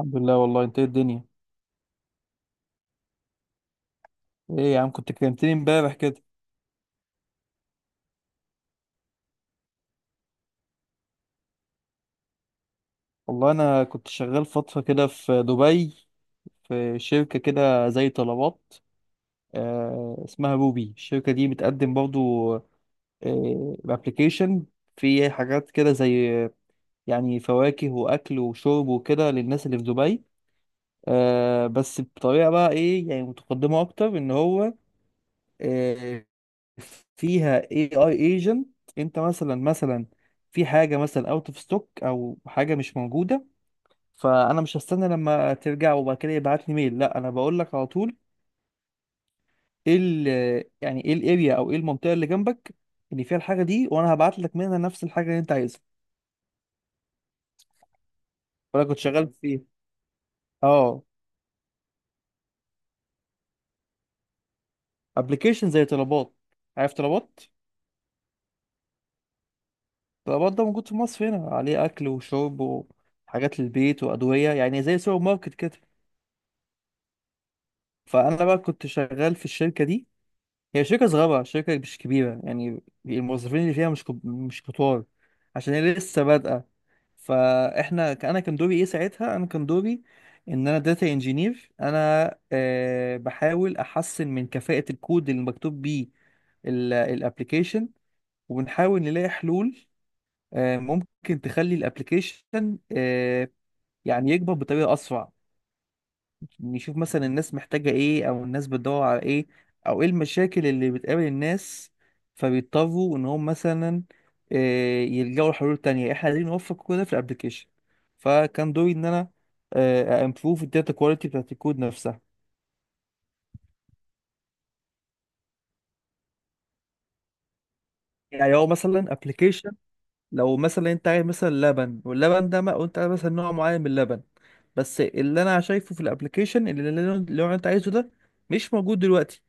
الحمد لله. والله انت ايه الدنيا؟ ايه يا عم، كنت كلمتني امبارح كده. والله انا كنت شغال فترة كده في دبي، في شركة كده زي طلبات. آه اسمها روبي، الشركة دي بتقدم برضو آه ابلكيشن في حاجات كده زي يعني فواكه واكل وشرب وكده للناس اللي في دبي. آه بس بطريقة بقى ايه يعني متقدمة اكتر، ان هو آه، فيها AI agent. انت مثلا في حاجة مثلا اوت اوف ستوك او حاجة مش موجودة، فانا مش هستنى لما ترجع وبعد كده يبعت لي ميل، لا انا بقول لك على طول ايه ال يعني ايه الاريا او ايه المنطقة اللي جنبك اللي فيها الحاجة دي، وانا هبعت لك منها نفس الحاجة اللي انت عايزها. وانا كنت شغال فيه. اه ابلكيشن زي طلبات، عارف طلبات؟ طلبات ده موجود في مصر هنا، عليه اكل وشرب وحاجات للبيت وادوية، يعني زي سوبر ماركت كده. فانا بقى كنت شغال في الشركة دي، هي شركة صغيرة، شركة مش كبيرة، يعني الموظفين اللي فيها مش كتار، عشان هي لسه بادئة. فاحنا انا كان دوري ايه ساعتها؟ انا كان دوري ان انا داتا انجينير. انا أه بحاول احسن من كفاءة الكود اللي مكتوب بيه الابلكيشن، وبنحاول نلاقي حلول أه ممكن تخلي الابلكيشن أه يعني يكبر بطريقة اسرع. نشوف مثلا الناس محتاجة ايه، او الناس بتدور على ايه، او ايه المشاكل اللي بتقابل الناس فبيضطروا ان هم مثلا يلجأوا لحلول تانية. احنا عايزين نوفق كل ده في الابليكيشن. فكان دوري ان انا امبروف الداتا كواليتي بتاعت الكود نفسها. يعني هو مثلا ابلكيشن، لو مثلا انت عايز مثلا لبن، واللبن ده ما وانت عايز مثلا نوع معين من اللبن بس اللي انا شايفه في الابلكيشن اللي انت عايزه ده مش موجود دلوقتي،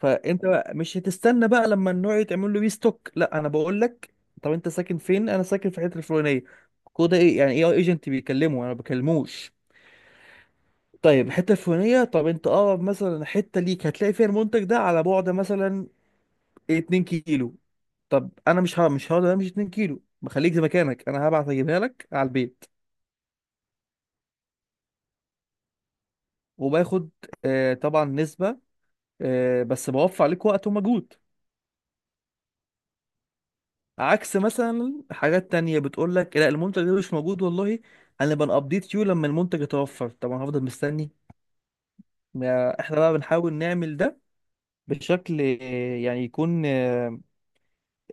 فانت بقى مش هتستنى بقى لما النوع يتعمل له ريستوك، لا انا بقول لك طب انت ساكن فين؟ انا ساكن في الحته الفلانيه. كود ايه يعني، اي ايجنت بيكلمه، انا ما بكلموش. طيب الحته الفلانيه، طب انت اقرب مثلا حته ليك هتلاقي فيها المنتج ده على بعد مثلا 2 كيلو. طب انا مش هقدر امشي 2 كيلو، بخليك زي مكانك انا هبعت اجيبها لك على البيت. وباخد آه طبعا نسبه، آه بس بوفر عليك وقت ومجهود. عكس مثلا حاجات تانية بتقول لك لا المنتج ده مش موجود، والله هنبقى نابديت يو لما المنتج يتوفر، طبعا هفضل مستني. ما احنا بقى بنحاول نعمل ده بشكل يعني يكون آه،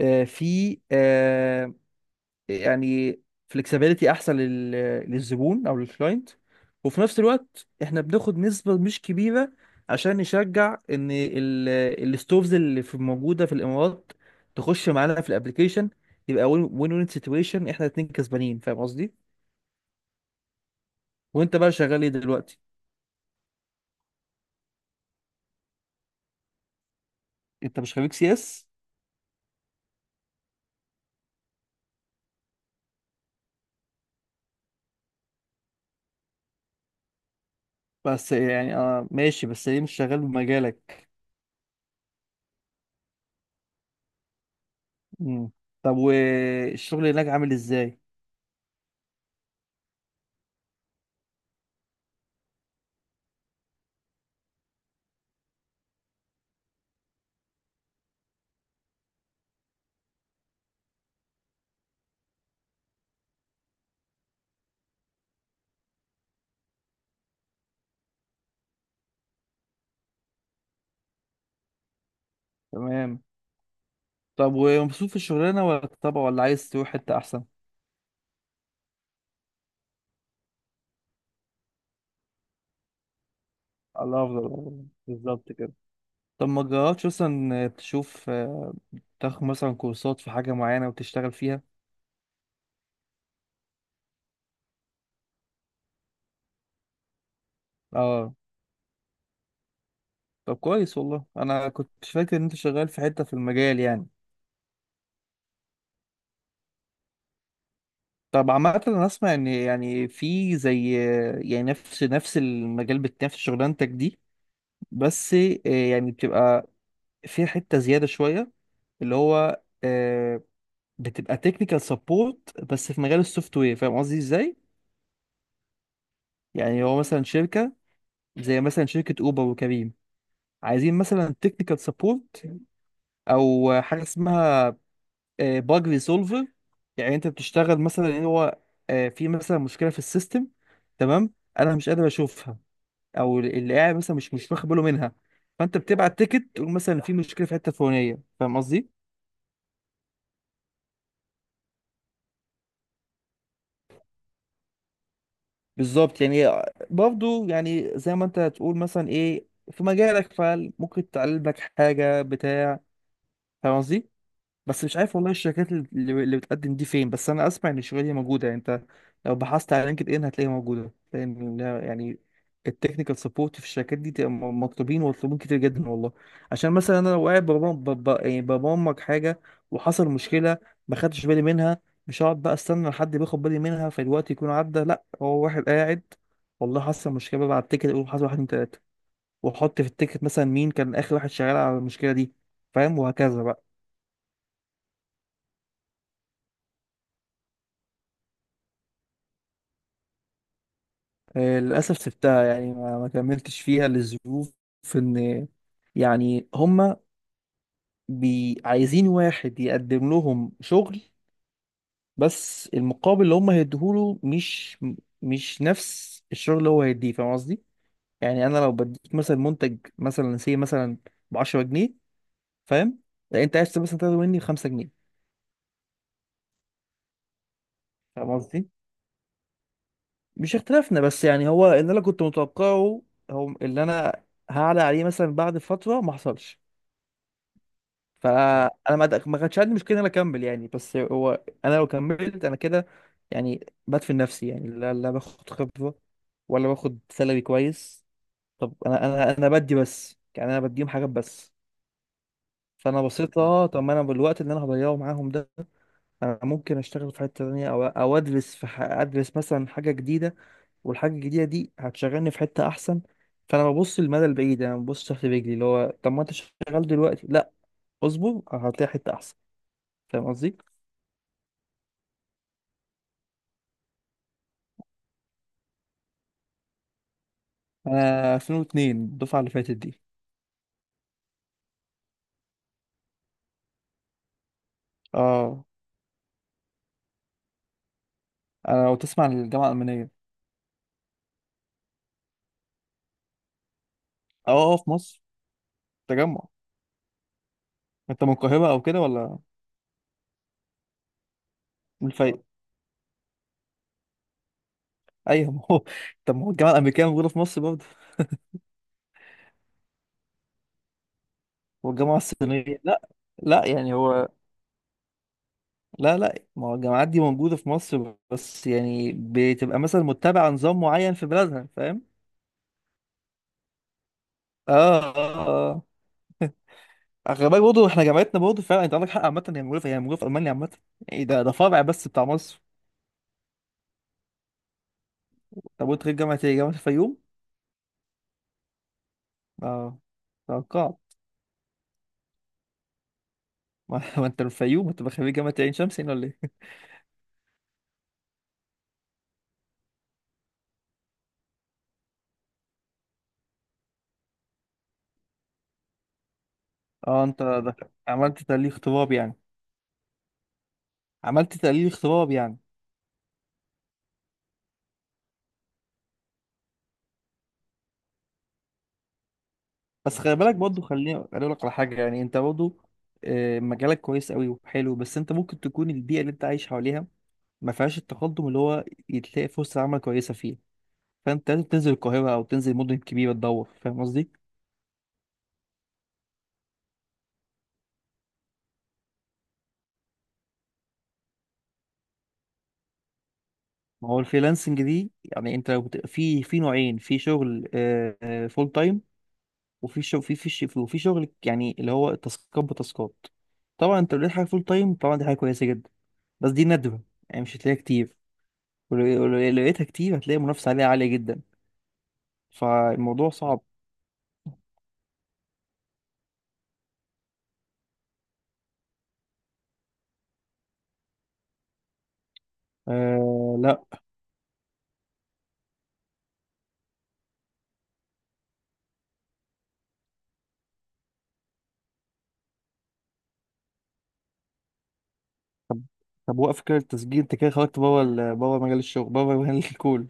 آه، في يعني فلكسبيليتي احسن لل... للزبون او للكلاينت، وفي نفس الوقت احنا بناخد نسبة مش كبيرة عشان نشجع ان ال... الستوفز اللي في موجودة في الامارات تخش معانا في الابليكيشن. يبقى وين وين وين سيتويشن، احنا اتنين كسبانين، فاهم قصدي؟ وانت بقى شغال ايه دلوقتي؟ انت مش خريج سي اس؟ بس يعني اه ماشي، بس ليه مش شغال بمجالك؟ مم. طب والشغل هناك عامل ازاي؟ تمام. طب ومبسوط في الشغلانة، ولا طبعا ولا عايز تروح حتة احسن؟ الله افضل والله. بالظبط كده. طب ما تجربش مثلا تشوف تاخد مثلا كورسات في حاجة معينة وتشتغل فيها. اه طب كويس، والله انا كنت فاكر ان انت شغال في حتة في المجال يعني. طب عامة انا اسمع ان يعني في زي يعني نفس نفس المجال نفس شغلانتك دي، بس يعني بتبقى في حتة زيادة شوية، اللي هو بتبقى تكنيكال سبورت بس في مجال السوفت وير، فاهم قصدي ازاي؟ يعني هو مثلا شركة زي مثلا شركة أوبر وكريم، عايزين مثلا تكنيكال سبورت أو حاجة اسمها باج ريسولفر. يعني أنت بتشتغل مثلا إن هو في مثلا مشكلة في السيستم، تمام، أنا مش قادر أشوفها أو اللي قاعد مثلا مش واخد باله منها، فأنت بتبعت تيكت تقول مثلا في مشكلة في الحتة الفلانية، فاهم قصدي؟ بالظبط يعني. برضه يعني زي ما أنت هتقول مثلا إيه في مجالك، فممكن تعلم لك حاجة بتاع، فاهم قصدي؟ بس مش عارف والله الشركات اللي بتقدم دي فين، بس انا اسمع ان الشغلانه دي موجوده يعني. انت لو بحثت على لينكد ان هتلاقيها موجوده، لان يعني التكنيكال سبورت في الشركات دي تبقى مطلوبين، ومطلوبين كتير جدا والله. عشان مثلا انا لو قاعد يعني ببرمج حاجه وحصل مشكله ما خدتش بالي منها، مش هقعد بقى استنى لحد بياخد بالي منها فالوقت يكون عدى، لا هو واحد قاعد والله حصل مشكله، بقى على التيكت اقول حصل واحد اتنين تلاته، واحط في التيكت مثلا مين كان اخر واحد شغال على المشكله دي، فاهم؟ وهكذا بقى. للأسف سبتها يعني ما كملتش فيها للظروف، إن يعني هما بي عايزين واحد يقدم لهم شغل بس المقابل اللي هما هيديهوله مش مش نفس الشغل اللي هو هيديه، فاهم قصدي؟ يعني أنا لو بديك مثلا منتج مثلا سي مثلا ب 10 جنيه، فاهم؟ لا أنت عايز مثلا تاخد مني 5 جنيه، فاهم قصدي؟ مش اختلافنا بس، يعني هو اللي أنا كنت متوقعه هو اللي أنا هعلى عليه مثلا بعد فترة ما حصلش. فانا ما كانش عندي مشكله ان انا اكمل يعني، بس هو انا لو كملت انا كده يعني بدفن نفسي يعني، لا لا باخد خبره ولا باخد سالري كويس. طب انا انا بدي بس، يعني انا بديهم حاجات بس. فانا بصيت اه طب ما انا بالوقت اللي انا هضيعه معاهم ده انا ممكن اشتغل في حته تانية او او ادرس في ادرس مثلا حاجه جديده، والحاجه الجديده دي هتشغلني في حته احسن. فانا ببص للمدى البعيد، انا ببص تحت رجلي اللي هو طب ما انت شغال دلوقتي، لا اصبر هتلاقي حته احسن، فاهم قصدي؟ انا 2002، الدفعه اللي فاتت دي. اه انا لو تسمع عن الجامعه الالمانيه. اه اه في مصر. تجمع. انت من القاهره او كده ولا؟ من الفيوم. ايوه ما هو طب ما هو الجامعه الامريكيه موجوده في مصر برضه. والجامعه الصينيه؟ لا لا يعني هو، لا لا ما هو الجامعات دي موجوده في مصر بس يعني بتبقى مثلا متبعه نظام معين في بلادها، فاهم؟ اه اه. اه خلي بالك برضه احنا جامعتنا برضه فعلا انت عندك حق، عامه هي موجوده في هي موجوده في المانيا عامه، يعني ده ده فرع بس بتاع مصر. طب وانت غير جامعه ايه؟ جامعه الفيوم؟ اه توقعت. ما ما انت من الفيوم، انت من خريج جامعة عين شمس هنا ولا ايه؟ اه انت ده عملت تحليل اغتراب يعني. عملت تحليل اغتراب يعني. بس خلي بالك برضه، خليني اقول لك على حاجة يعني انت برضه مجالك كويس قوي وحلو، بس انت ممكن تكون البيئة اللي انت عايش حواليها ما فيهاش التقدم اللي هو تلاقي فرصة عمل كويسة فيه، فانت لازم تنزل القاهرة او تنزل مدن كبيرة تدور، فاهم قصدي؟ ما هو الفريلانسنج دي يعني انت لو في في نوعين في شغل، فول تايم، وفي شغل في وفي شغل يعني اللي هو تاسكات بتاسكات. طبعا انت لو لقيت حاجه فول تايم طبعا دي حاجه كويسه جدا، بس دي نادره يعني مش هتلاقيها كتير، ولو لقيتها كتير هتلاقي المنافسه عليها عاليه جدا، فالموضوع صعب. آه لا. طب طب وقف كده التسجيل انت كده خرجت بره بره مجال الشغل بره مجال الكول